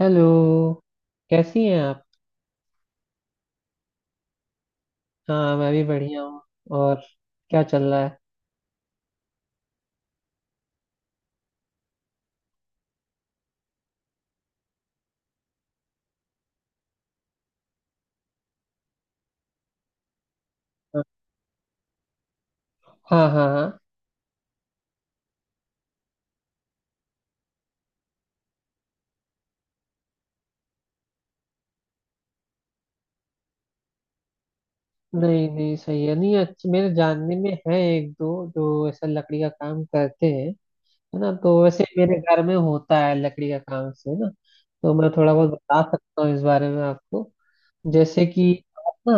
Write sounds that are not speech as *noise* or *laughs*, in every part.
Hello. कैसी हैं आप? हाँ, मैं भी बढ़िया हूँ। और क्या चल रहा है? हाँ हाँ हाँ। नहीं नहीं सही है। नहीं, अच्छा, मेरे जानने में है एक दो जो ऐसा लकड़ी का काम करते हैं, है ना? तो वैसे मेरे घर में होता है लकड़ी का काम से ना, तो मैं थोड़ा बहुत बता सकता हूँ इस बारे में आपको। जैसे कि आप ना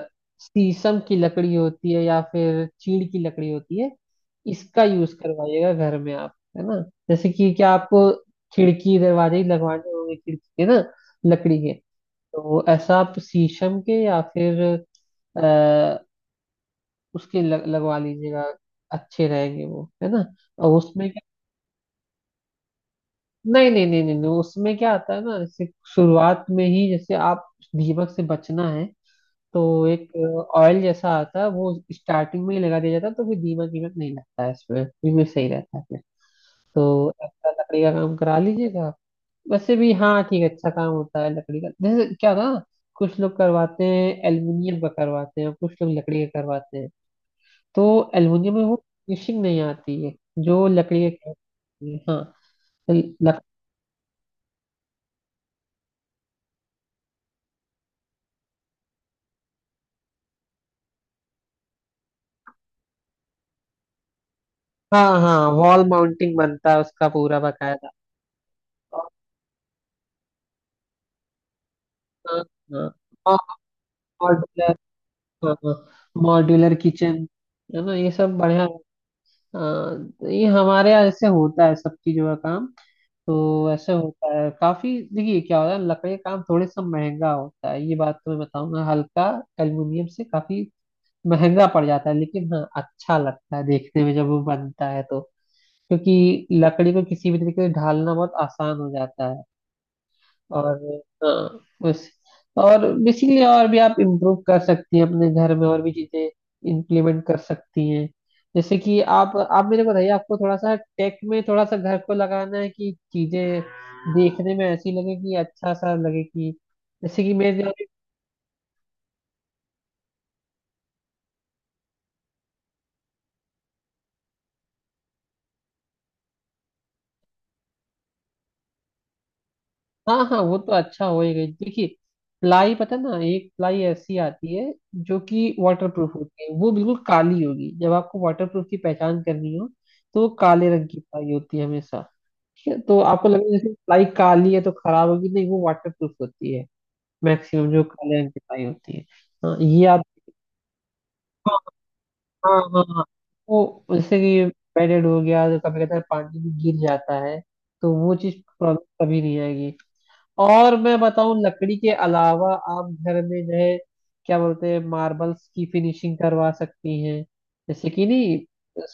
अ, शीशम की लकड़ी होती है या फिर चीड़ की लकड़ी होती है। इसका यूज करवाइएगा घर में आप, है ना? जैसे कि क्या आपको खिड़की दरवाजे ही लगवाने होंगे? खिड़की के ना, लकड़ी के। तो ऐसा आप शीशम के या फिर अ, उसके लगवा लीजिएगा, अच्छे रहेंगे वो, है ना? और उसमें क्या? नहीं नहीं नहीं नहीं नहीं, उसमें क्या आता है ना, जैसे शुरुआत में ही जैसे आप दीमक से बचना है तो एक ऑयल जैसा आता है वो स्टार्टिंग में ही लगा दिया जाता है तो फिर दीमक वीमक नहीं लगता है इसमें, बिल्कुल सही रहता है फिर। तो अच्छा लकड़ी का काम करा लीजिएगा आप। वैसे भी हाँ ठीक है, अच्छा काम होता है लकड़ी का। जैसे क्या ना, कुछ लोग करवाते हैं एल्युमिनियम का करवाते हैं, कुछ लोग लकड़ी का करवाते हैं। तो एल्युमिनियम में वो फिनिशिंग नहीं आती है जो लकड़ी के करवाते हैं। हाँ। तो लक, हाँ हाँ वॉल माउंटिंग बनता है उसका पूरा बकायदा। हाँ हाँ। और मॉड्यूलर किचन है ना, ये सब बढ़िया है। हाँ, तो ये हमारे यहाँ ऐसे होता है सब चीजों का काम। तो ऐसे होता है काफी। देखिए क्या होता है, लकड़ी का काम थोड़े सा महंगा होता है ये बात तो मैं बताऊंगा। हल्का एल्युमिनियम से काफी महंगा पड़ जाता है लेकिन हाँ अच्छा लगता है देखने में जब वो बनता है तो, क्योंकि लकड़ी को किसी भी तरीके से ढालना बहुत आसान हो जाता है। और हाँ बस। और बेसिकली और भी आप इम्प्रूव कर सकती हैं अपने घर में, और भी चीजें इंप्लीमेंट कर सकती हैं। जैसे कि आप मेरे को बताइए, आपको थोड़ा सा टेक में थोड़ा सा घर को लगाना है कि चीजें देखने में ऐसी लगे कि अच्छा सा लगे कि जैसे कि मेरे यहाँ- हाँ हाँ वो तो अच्छा होएगा ही। देखिए प्लाई पता ना, एक प्लाई ऐसी आती है जो कि वाटर प्रूफ होती है, वो बिल्कुल काली होगी। जब आपको वाटर प्रूफ की पहचान करनी हो तो वो काले रंग की प्लाई होती है हमेशा। क्या, तो आपको लगे जैसे प्लाई काली है तो खराब होगी, नहीं वो वाटर प्रूफ होती है, मैक्सिमम जो काले रंग की प्लाई होती है। हाँ ये आप, हाँ हाँ हाँ हाँ। वो जैसे कि बेडेड हो गया तो कभी कभी पानी में गिर जाता है तो वो चीज प्रॉब्लम कभी नहीं आएगी। और मैं बताऊं, लकड़ी के अलावा आप घर में जो है क्या बोलते हैं मार्बल्स की फिनिशिंग करवा सकती हैं। जैसे कि नहीं,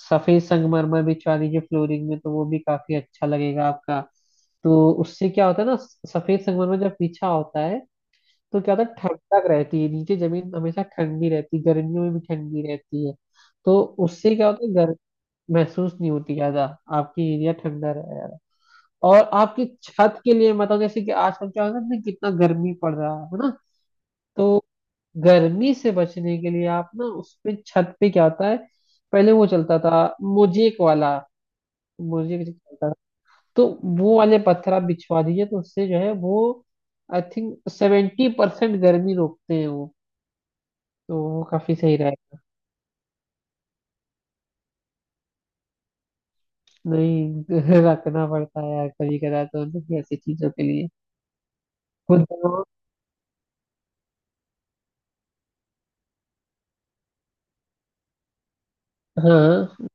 सफेद संगमरमर बिछवा दीजिए फ्लोरिंग में तो वो भी काफी अच्छा लगेगा आपका। तो उससे क्या होता है ना, सफेद संगमरमर जब बिछा होता है तो क्या होता है, ठंडक रहती है नीचे, जमीन हमेशा ठंडी रहती है, गर्मियों में भी ठंडी रहती है। तो उससे क्या होता है, गर्मी महसूस नहीं होती ज्यादा, आपकी एरिया ठंडा रहेगा। और आपकी छत के लिए, मतलब जैसे कि आजकल क्या होता है ना, कितना गर्मी पड़ रहा है ना? तो गर्मी से बचने के लिए आप ना उस पे छत पे क्या होता है, पहले वो चलता था मोजेक वाला। मोजेक जो चलता था तो वो वाले पत्थर आप बिछवा दीजिए, तो उससे जो है वो आई थिंक 70% गर्मी रोकते हैं वो। तो वो काफी सही रहेगा। नहीं *laughs* रखना पड़ता है यार, कभी कदा तो ऐसी चीजों के लिए। खुद तो, हाँ।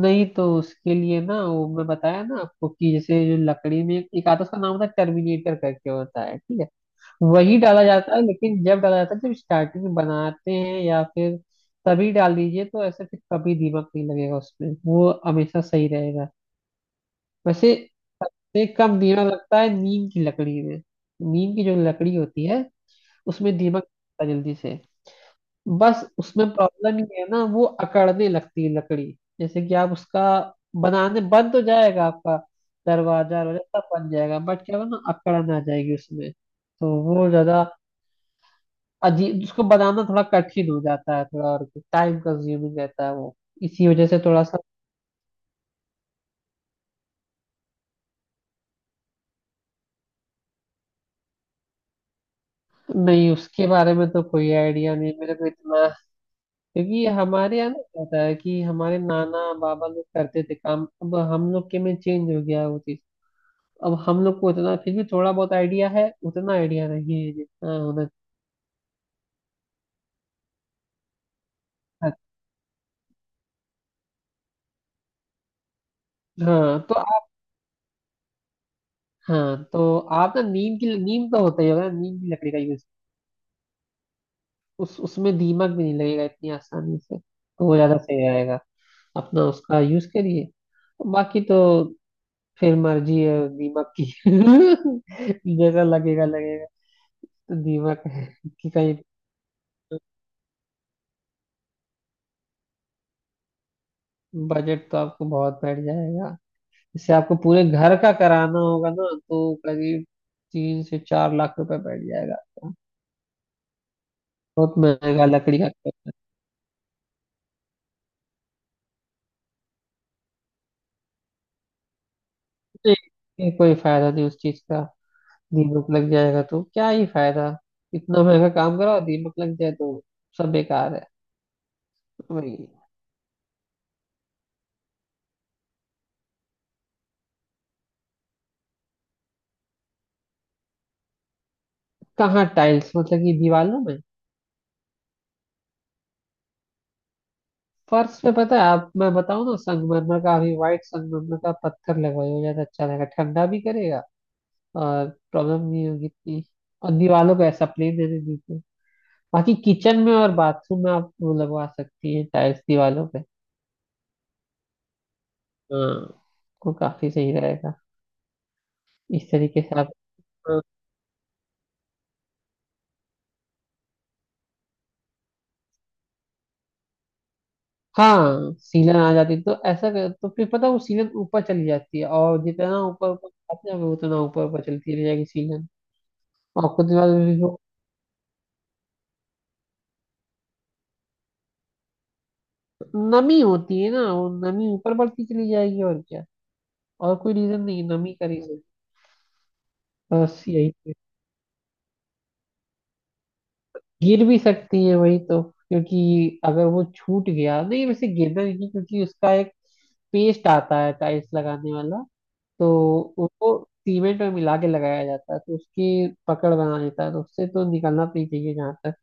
नहीं तो उसके लिए ना वो मैं बताया ना आपको, कि जैसे जो लकड़ी में एक एक आता है, उसका नाम होता है टर्मिनेटर करके, होता है ठीक है। वही डाला जाता है लेकिन जब डाला जाता है जब स्टार्टिंग में बनाते हैं या फिर तभी डाल दीजिए, तो ऐसे फिर कभी दीमक नहीं लगेगा उसमें, वो हमेशा सही रहेगा। वैसे से कम दीमक लगता है नीम की लकड़ी में। नीम की जो लकड़ी होती है उसमें दीमक लगता है जल्दी से। बस उसमें प्रॉब्लम ये है ना, वो अकड़ने लगती है लकड़ी। जैसे कि आप उसका बनाने, बन तो जाएगा आपका दरवाजा वगैरह सब बन जाएगा बट क्या होगा ना, अकड़न आ जाएगी उसमें, तो वो ज्यादा अजीब, उसको बनाना थोड़ा कठिन हो जाता है, थोड़ा और टाइम कंज्यूमिंग रहता है वो। इसी वजह से थोड़ा सा। नहीं उसके बारे में तो कोई आइडिया नहीं मेरे को इतना, क्योंकि हमारे यहाँ ना क्या होता है कि हमारे नाना बाबा लोग करते थे काम, अब हम लोग के में चेंज हो गया है वो चीज। अब हम लोग को उतना फिर भी थोड़ा बहुत आइडिया है, उतना आइडिया नहीं है जी, हाँ हाँ। हाँ, तो आप- हाँ तो आप ना नीम की, नीम तो होता ही होगा ना, नीम की लकड़ी का यूज। उस उसमें दीमक भी नहीं लगेगा इतनी आसानी से, तो वो ज्यादा सही रहेगा। अपना उसका यूज करिए, बाकी तो फिर मर्जी है दीमक की *laughs* जैसा लगेगा लगेगा। तो दीमक है कि कहीं, बजट तो आपको बहुत बैठ जाएगा इससे, आपको पूरे घर का कराना होगा ना तो करीब 3 से 4 लाख रुपए बैठ जाएगा आपका, बहुत महंगा लकड़ी का। नहीं, ये कोई फायदा नहीं उस चीज का, दीमक लग जाएगा तो क्या ही फायदा, इतना महंगा काम कराओ दीमक लग जाए तो सब बेकार है। वही। कहाँ टाइल्स, मतलब कि दीवारों में? फर्श पे पता है आप, मैं बताऊँ ना, संगमरमर का अभी, व्हाइट संगमरमर का पत्थर लगवाइए, वो ज्यादा अच्छा रहेगा, ठंडा भी करेगा और प्रॉब्लम नहीं होगी इतनी। और दीवारों को ऐसा प्लेन रहने दीजिए, बाकी किचन में और बाथरूम में आप वो लगवा सकती हैं टाइल्स दीवालों पे। हाँ वो काफी सही रहेगा इस तरीके से आप। हाँ हाँ, सीलन आ जाती है, तो ऐसा कर तो फिर पता है वो सीलन ऊपर चली जाती है और जितना ऊपर ऊपर जाते हैं वो उतना ऊपर ऊपर चलती रह जाएगी सीलन, और कुछ दिन बाद भी वो नमी होती है ना, वो नमी ऊपर बढ़ती चली जाएगी और क्या, और कोई रीजन नहीं है, नमी का रीजन बस यही। गिर भी सकती है वही तो, क्योंकि अगर वो छूट गया नहीं वैसे गिर जाएगी, क्योंकि उसका एक पेस्ट आता है टाइल्स लगाने वाला तो उसको सीमेंट में मिला के लगाया जाता है, तो उसकी पकड़ बना देता है, तो उससे तो निकलना तो नहीं चाहिए जहाँ तक।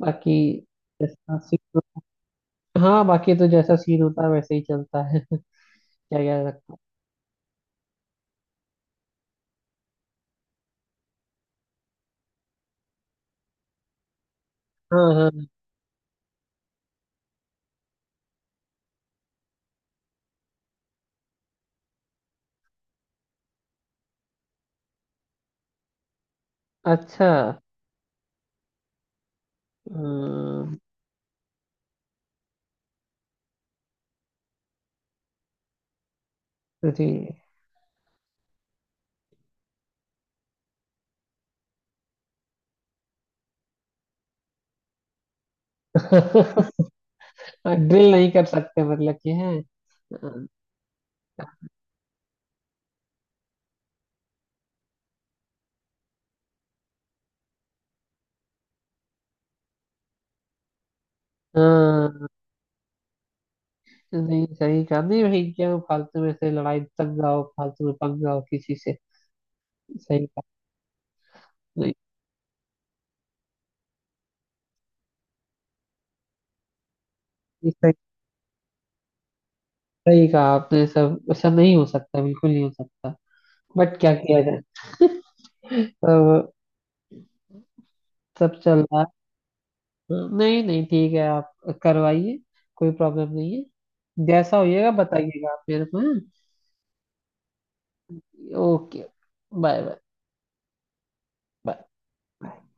बाकी जैसा सीन, हाँ बाकी तो जैसा सीन होता है वैसे ही चलता है *laughs* क्या कह सकता हूँ। हाँ हाँ अच्छा। अम्म, जी। *laughs* ड्रिल नहीं कर सकते मतलब कि है, हाँ। हाँ। नहीं सही कहा, नहीं भाई, क्या वो फालतू में से लड़ाई तक जाओ फालतू में पक जाओ किसी से, सही कहा। नहीं ये सही, सही कहा आपने, सब ऐसा नहीं हो सकता बिल्कुल नहीं हो सकता। बट क्या किया जाए, सब सब चल रहा है। नहीं नहीं ठीक है आप करवाइए, कोई प्रॉब्लम नहीं है, जैसा होइएगा बताइएगा आप मेरे को, हाँ? ओके। Bye bye bye.